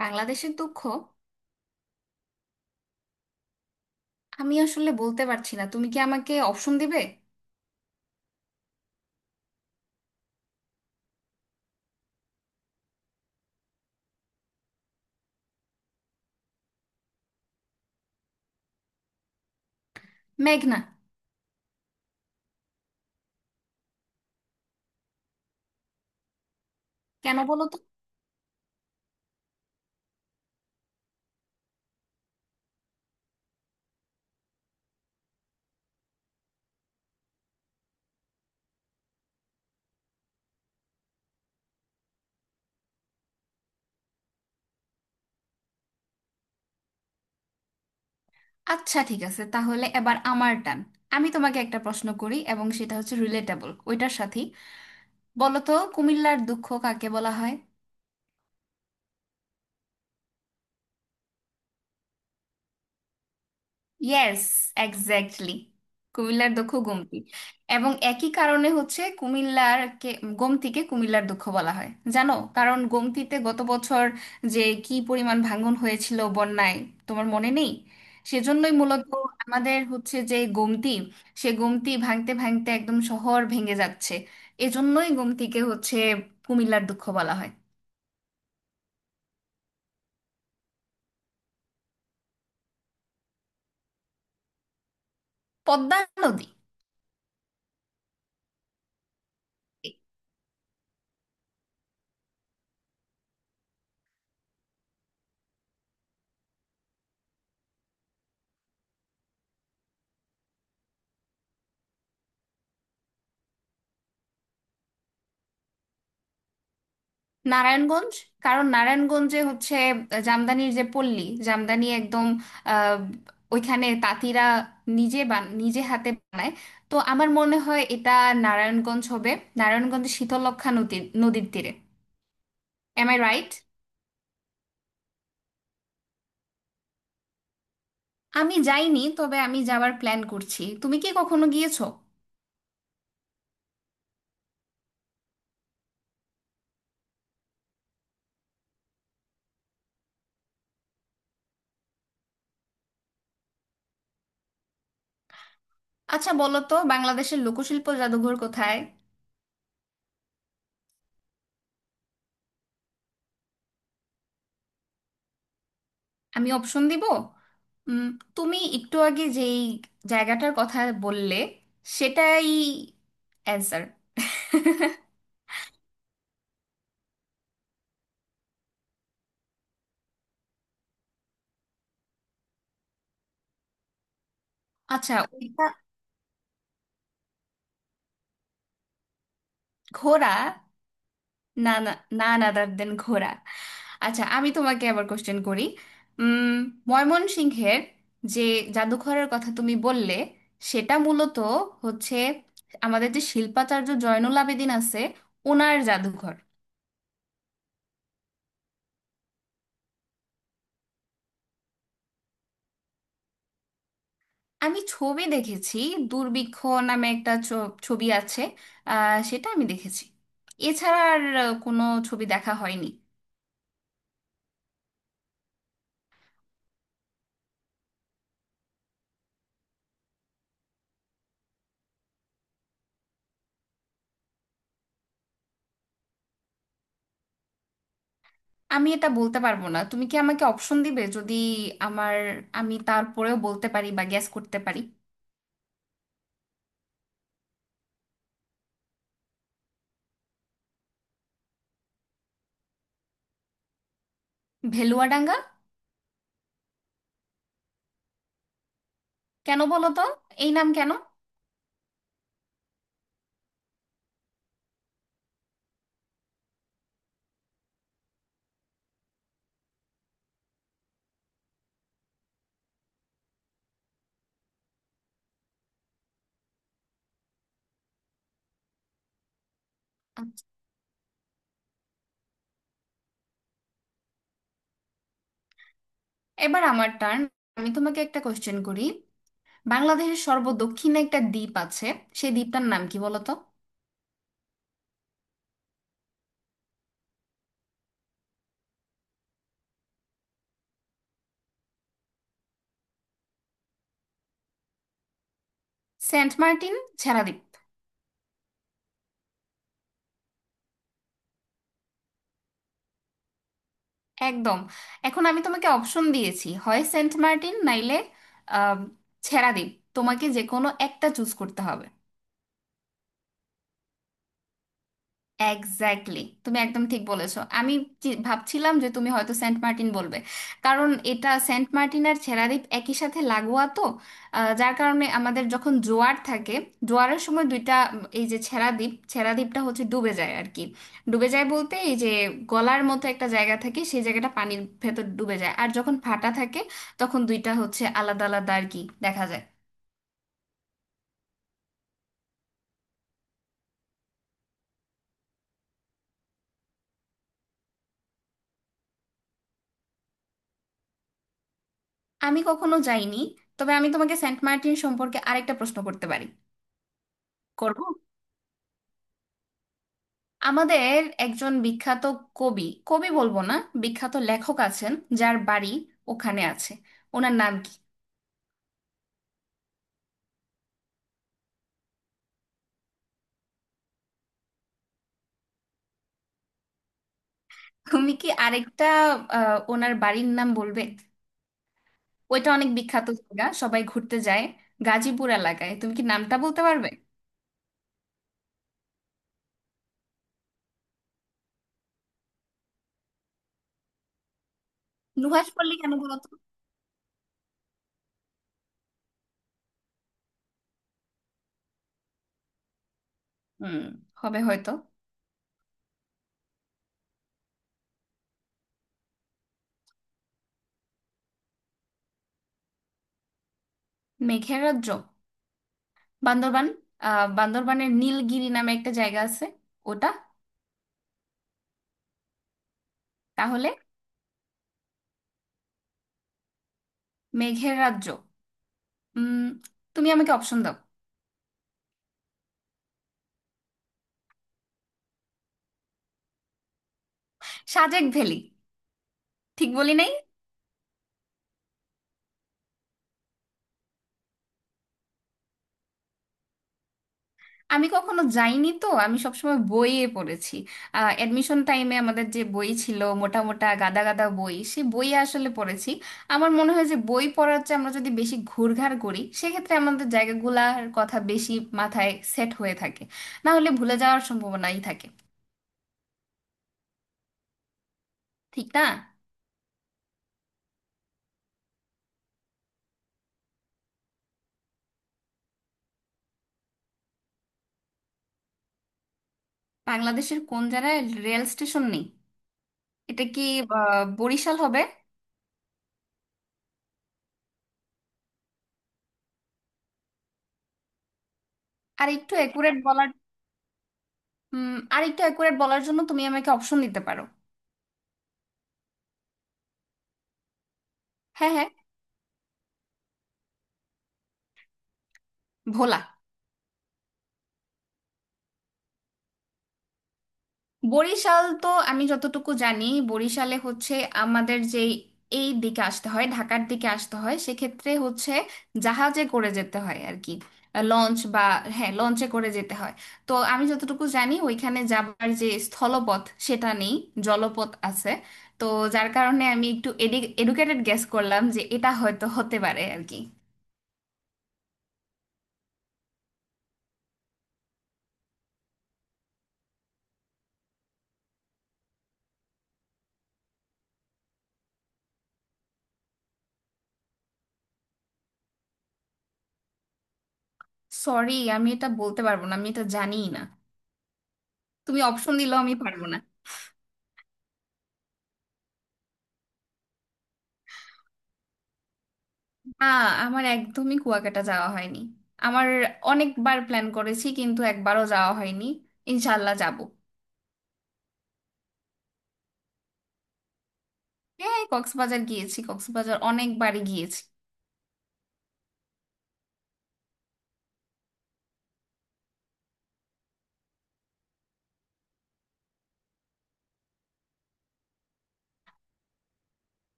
বাংলাদেশের দুঃখ? আমি আসলে বলতে পারছি না, তুমি কি আমাকে অপশন দিবে? মেঘনা। কেন বলো তো? আচ্ছা ঠিক আছে, তাহলে এবার আমার টান। আমি তোমাকে একটা প্রশ্ন করি, এবং সেটা হচ্ছে রিলেটেবল ওইটার সাথেই। বলো তো, কুমিল্লার দুঃখ কাকে বলা হয়? Yes, exactly. কুমিল্লার দুঃখ গোমতী। এবং একই কারণে হচ্ছে কুমিল্লার গোমতীকে কুমিল্লার দুঃখ বলা হয়। জানো, কারণ গোমতীতে গত বছর যে কি পরিমাণ ভাঙন হয়েছিল বন্যায়, তোমার মনে নেই? সেজন্যই মূলত আমাদের হচ্ছে যে গোমতী, সে গোমতী ভাঙতে ভাঙতে একদম শহর ভেঙে যাচ্ছে। এজন্যই গোমতীকে হচ্ছে কুমিল্লার দুঃখ বলা হয়। পদ্মা নদী। নারায়ণগঞ্জ। কারণ নারায়ণগঞ্জে হচ্ছে জামদানির যে পল্লী, জামদানি একদম আহ, ওইখানে তাঁতিরা নিজে নিজে হাতে বানায়। তো আমার মনে হয় এটা নারায়ণগঞ্জ হবে। নারায়ণগঞ্জ শীতলক্ষ্যা নদীর নদীর তীরে। Am I right? আমি যাইনি, তবে আমি যাওয়ার প্ল্যান করছি। তুমি কি কখনো গিয়েছো? আচ্ছা বলো তো, বাংলাদেশের লোকশিল্প জাদুঘর কোথায়? আমি অপশন দিব। উম, তুমি একটু আগে যেই জায়গাটার কথা বললে, সেটাই অ্যান্সার। আচ্ছা ওইটা। ঘোড়া। না না, না, আদার দেন ঘোড়া। আচ্ছা আমি তোমাকে আবার কোশ্চেন করি। উম, ময়মনসিংহের যে জাদুঘরের কথা তুমি বললে, সেটা মূলত হচ্ছে আমাদের যে শিল্পাচার্য জয়নুল আবেদিন আছে, ওনার জাদুঘর। আমি ছবি দেখেছি। দুর্ভিক্ষ নামে একটা ছবি আছে, সেটা আমি দেখেছি। এছাড়া আর কোনো ছবি দেখা হয়নি। আমি এটা বলতে পারবো না, তুমি কি আমাকে অপশন দিবে? যদি আমার, আমি তারপরেও বলতে পারি বা গ্যাস করতে পারি। ভেলুয়াডাঙ্গা। কেন বলো তো? এই নাম কেন? আচ্ছা, এবার আমার টার্ন। আমি তোমাকে একটা কোশ্চেন করি। বাংলাদেশের সর্বদক্ষিণে একটা দ্বীপ আছে, সেই দ্বীপটার নাম কি বলো তো? Saint Martin, Chhera Dwip. একদম। এখন আমি তোমাকে অপশন দিয়েছি, হয় সেন্ট মার্টিন নাইলে আহ, ছেড়াদ্বীপ। তোমাকে যে কোনো একটা চুজ করতে হবে। এক্স্যাক্টলি, তুমি একদম ঠিক বলেছো। আমি ভাবছিলাম যে তুমি হয়তো সেন্ট মার্টিন বলবে, কারণ এটা সেন্ট মার্টিন আর ছেড়াদ্বীপ একই সাথে লাগোয়া তো। যার কারণে আমাদের যখন জোয়ার থাকে, জোয়ারের সময় দুইটা এই যে ছেড়াদ্বীপটা হচ্ছে ডুবে যায় আর কি। ডুবে যায় বলতে এই যে গলার মতো একটা জায়গা থাকে, সেই জায়গাটা পানির ভেতর ডুবে যায়, আর যখন ফাটা থাকে তখন দুইটা হচ্ছে আলাদা আলাদা আর কি দেখা যায়। আমি কখনো যাইনি, তবে আমি তোমাকে সেন্ট মার্টিন সম্পর্কে আরেকটা প্রশ্ন করতে পারি। করব। আমাদের একজন বিখ্যাত কবি কবি বলবো না, বিখ্যাত লেখক আছেন, যার বাড়ি ওখানে আছে। ওনার নাম কি? তুমি কি আরেকটা ওনার বাড়ির নাম বলবে? ওইটা অনেক বিখ্যাত জায়গা, সবাই ঘুরতে যায়। গাজীপুর এলাকায়, তুমি কি নামটা বলতে পারবে? নুহাশপল্লী কেন বলো তো? হুম, হবে হয়তো। মেঘের রাজ্য? বান্দরবান। আহ বান্দরবানের নীলগিরি নামে একটা জায়গা আছে, ওটা। তাহলে মেঘের রাজ্য, উম তুমি আমাকে অপশন দাও। সাজেক ভ্যালি, ঠিক বলি নাই? আমি কখনো যাইনি তো, আমি সবসময় বইয়ে পড়েছি। অ্যাডমিশন টাইমে আমাদের যে বই ছিল, মোটা মোটা গাদা গাদা বই, সেই বইয়ে আসলে পড়েছি। আমার মনে হয় যে বই পড়ার চেয়ে আমরা যদি বেশি ঘুরঘার করি, সেক্ষেত্রে আমাদের জায়গাগুলার কথা বেশি মাথায় সেট হয়ে থাকে। না হলে ভুলে যাওয়ার সম্ভাবনাই থাকে, ঠিক না? বাংলাদেশের কোন জায়গায় রেল স্টেশন নেই? এটা কি বরিশাল হবে? আর একটু অ্যাকুরেট বলার, আর একটু অ্যাকুরেট বলার জন্য তুমি আমাকে অপশন দিতে পারো। হ্যাঁ হ্যাঁ। ভোলা। বরিশাল তো আমি যতটুকু জানি, বরিশালে হচ্ছে আমাদের যে এই দিকে আসতে হয়, ঢাকার দিকে আসতে হয়, সেক্ষেত্রে হচ্ছে জাহাজে করে যেতে হয় আর কি, লঞ্চ বা, হ্যাঁ লঞ্চে করে যেতে হয়। তো আমি যতটুকু জানি ওইখানে যাবার যে স্থলপথ সেটা নেই, জলপথ আছে। তো যার কারণে আমি একটু এডুকেটেড গেস করলাম যে এটা হয়তো হতে পারে আর কি। সরি, আমি এটা বলতে পারবো না, আমি এটা জানিই না। তুমি অপশন দিলেও আমি পারবো না। আ, আমার একদমই কুয়াকাটা যাওয়া হয়নি। আমার অনেকবার প্ল্যান করেছি, কিন্তু একবারও যাওয়া হয়নি। ইনশাল্লাহ যাব। হ্যাঁ কক্সবাজার গিয়েছি, কক্সবাজার অনেকবারই গিয়েছি।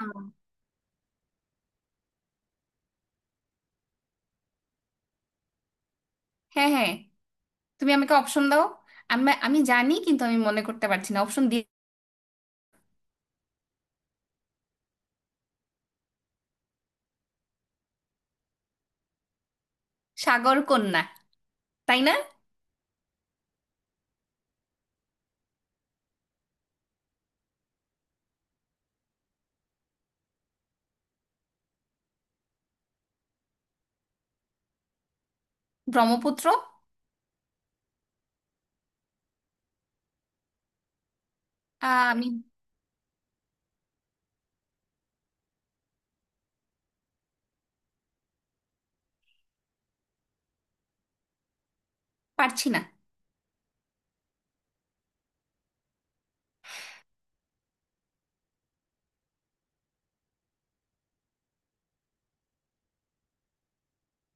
আহ, হ্যাঁ হ্যাঁ, তুমি আমাকে অপশন দাও। আমি আমি জানি কিন্তু আমি মনে করতে পারছি না, অপশন দিয়ে। সাগর কন্যা, তাই না? ব্রহ্মপুত্র। আমি পারছি না।